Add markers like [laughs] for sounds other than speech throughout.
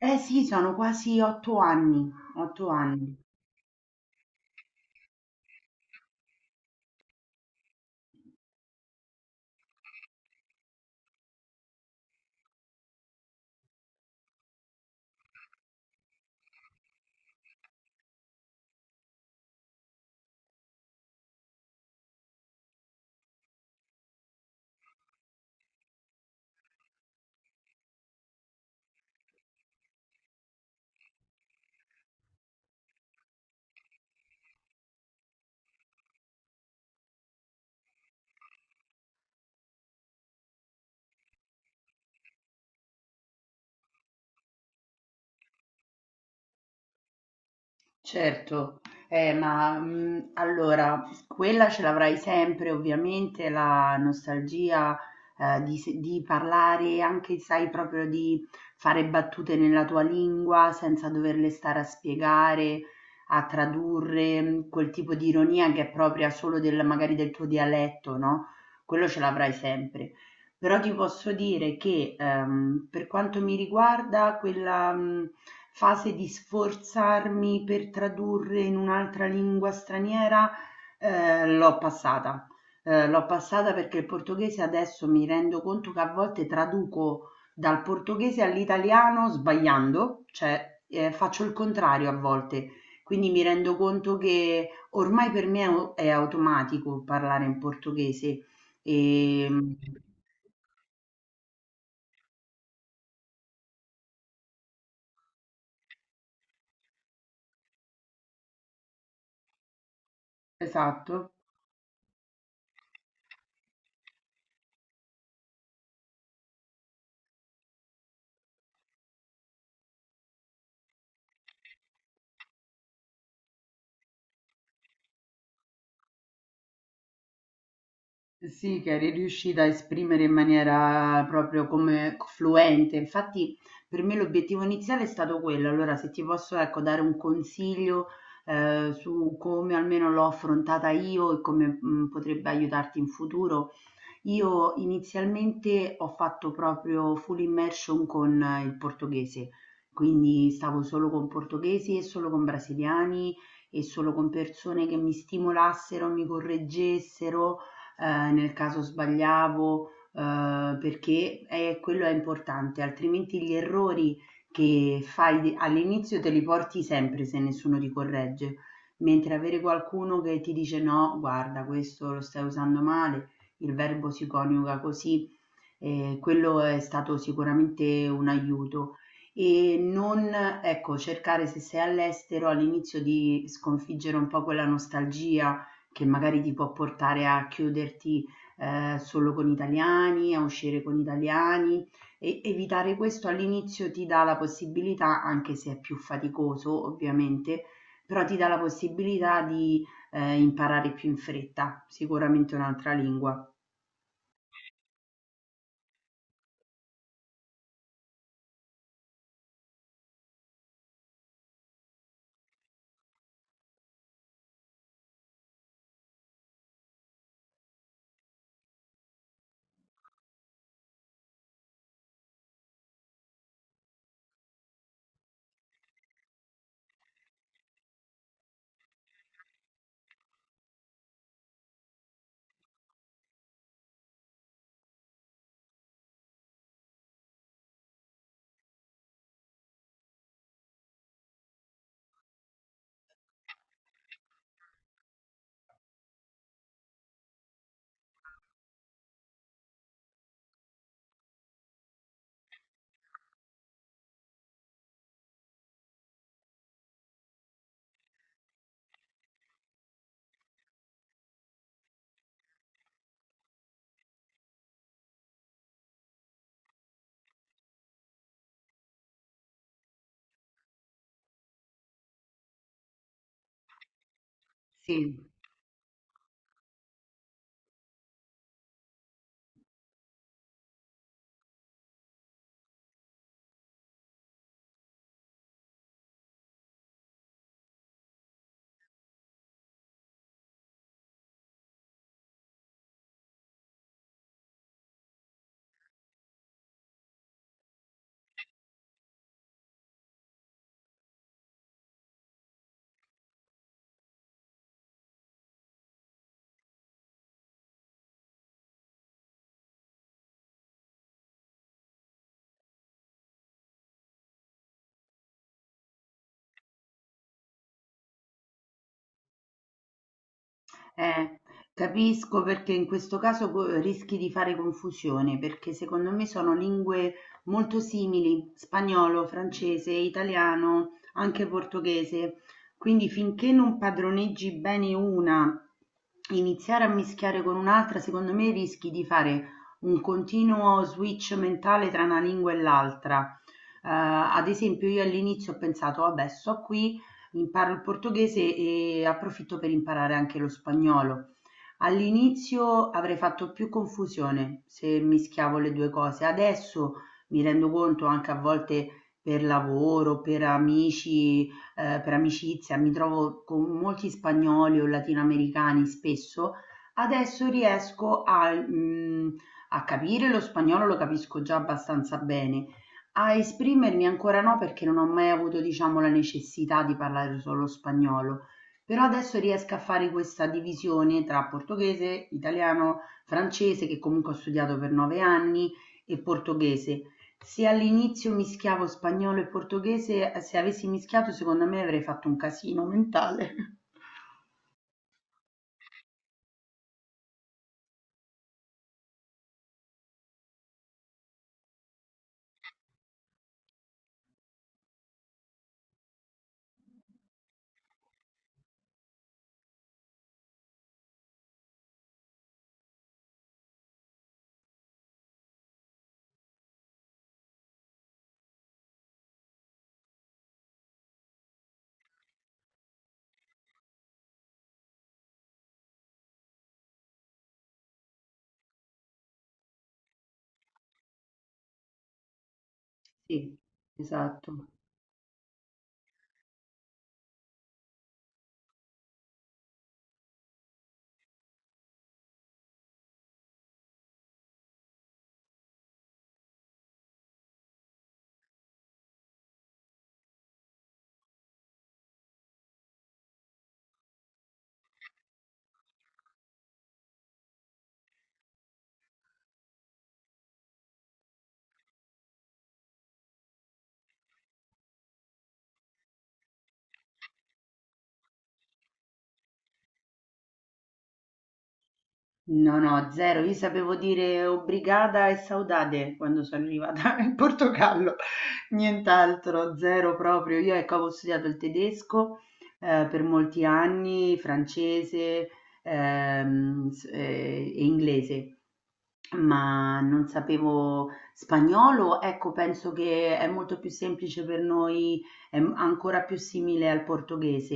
Eh sì, sono quasi 8 anni, 8 anni. Certo, ma allora, quella ce l'avrai sempre, ovviamente, la nostalgia di, se- di parlare, anche sai, proprio di fare battute nella tua lingua senza doverle stare a spiegare, a tradurre, quel tipo di ironia che è propria solo del, magari del tuo dialetto, no? Quello ce l'avrai sempre. Però ti posso dire che, per quanto mi riguarda, quella, fase di sforzarmi per tradurre in un'altra lingua straniera, l'ho passata. L'ho passata perché il portoghese adesso mi rendo conto che a volte traduco dal portoghese all'italiano sbagliando, cioè, faccio il contrario a volte. Quindi mi rendo conto che ormai per me è automatico parlare in portoghese. ehm Esatto. Sì, che eri riuscita a esprimere in maniera proprio come fluente. Infatti, per me l'obiettivo iniziale è stato quello. Allora, se ti posso, ecco, dare un consiglio, su come almeno l'ho affrontata io e come, potrebbe aiutarti in futuro. Io inizialmente ho fatto proprio full immersion con il portoghese, quindi stavo solo con portoghesi e solo con brasiliani e solo con persone che mi stimolassero, mi correggessero, nel caso sbagliavo, perché quello è importante, altrimenti gli errori che fai all'inizio te li porti sempre se nessuno ti corregge. Mentre avere qualcuno che ti dice no, guarda, questo lo stai usando male, il verbo si coniuga così, e quello è stato sicuramente un aiuto. E non, ecco, cercare se sei all'estero all'inizio di sconfiggere un po' quella nostalgia che magari ti può portare a chiuderti solo con italiani, a uscire con italiani e evitare questo all'inizio ti dà la possibilità, anche se è più faticoso ovviamente, però ti dà la possibilità di imparare più in fretta, sicuramente un'altra lingua. Sì, eh, capisco perché in questo caso rischi di fare confusione, perché secondo me sono lingue molto simili, spagnolo, francese, italiano, anche portoghese. Quindi finché non padroneggi bene una, iniziare a mischiare con un'altra, secondo me rischi di fare un continuo switch mentale tra una lingua e l'altra. Ad esempio, io all'inizio ho pensato, vabbè, sto qui. Imparo il portoghese e approfitto per imparare anche lo spagnolo. All'inizio avrei fatto più confusione se mischiavo le 2 cose. Adesso mi rendo conto anche a volte per lavoro, per amici, per amicizia, mi trovo con molti spagnoli o latinoamericani spesso. Adesso riesco a capire, lo spagnolo lo capisco già abbastanza bene, a esprimermi ancora no perché non ho mai avuto diciamo la necessità di parlare solo spagnolo, però adesso riesco a fare questa divisione tra portoghese, italiano, francese che comunque ho studiato per 9 anni e portoghese. Se all'inizio mischiavo spagnolo e portoghese, se avessi mischiato secondo me avrei fatto un casino mentale. [laughs] Sì, esatto. No, no, zero. Io sapevo dire obrigada e saudade quando sono arrivata [laughs] in Portogallo, nient'altro, zero proprio. Io ecco, avevo studiato il tedesco per molti anni, francese e inglese, ma non sapevo spagnolo. Ecco, penso che è molto più semplice per noi, è ancora più simile al portoghese,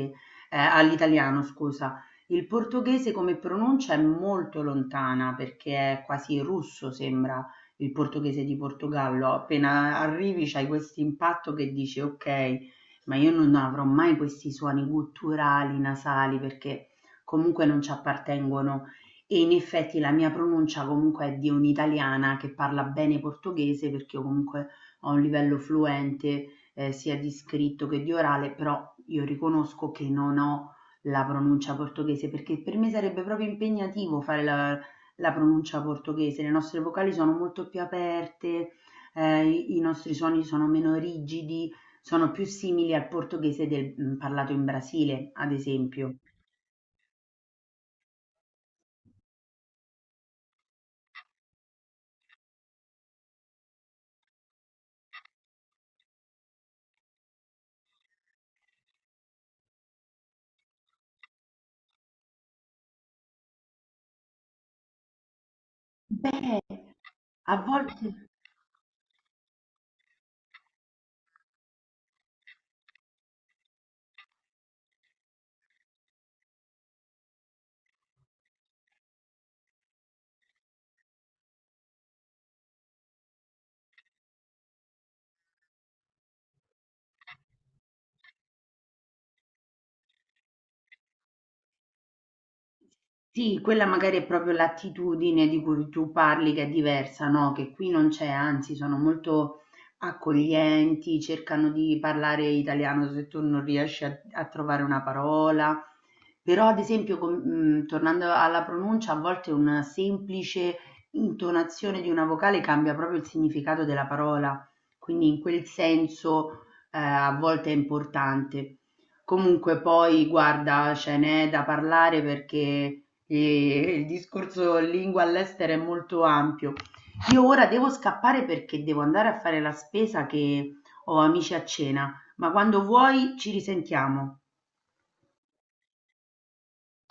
all'italiano, scusa, il portoghese come pronuncia è molto lontana perché è quasi russo, sembra il portoghese di Portogallo. Appena arrivi c'hai questo impatto che dici: ok, ma io non avrò mai questi suoni gutturali, nasali, perché comunque non ci appartengono. E in effetti la mia pronuncia comunque è di un'italiana che parla bene portoghese perché io comunque ho un livello fluente sia di scritto che di orale, però io riconosco che non ho la pronuncia portoghese, perché per me sarebbe proprio impegnativo fare la pronuncia portoghese. Le nostre vocali sono molto più aperte, i nostri suoni sono meno rigidi, sono più simili al portoghese del, parlato in Brasile, ad esempio. Beh, a volte. Sì, quella magari è proprio l'attitudine di cui tu parli che è diversa, no? Che qui non c'è, anzi, sono molto accoglienti, cercano di parlare italiano se tu non riesci a trovare una parola. Però, ad esempio, tornando alla pronuncia, a volte una semplice intonazione di una vocale cambia proprio il significato della parola, quindi in quel senso, a volte è importante. Comunque poi, guarda, ce n'è da parlare perché e il discorso lingua all'estero è molto ampio. Io ora devo scappare perché devo andare a fare la spesa che ho amici a cena, ma quando vuoi ci risentiamo.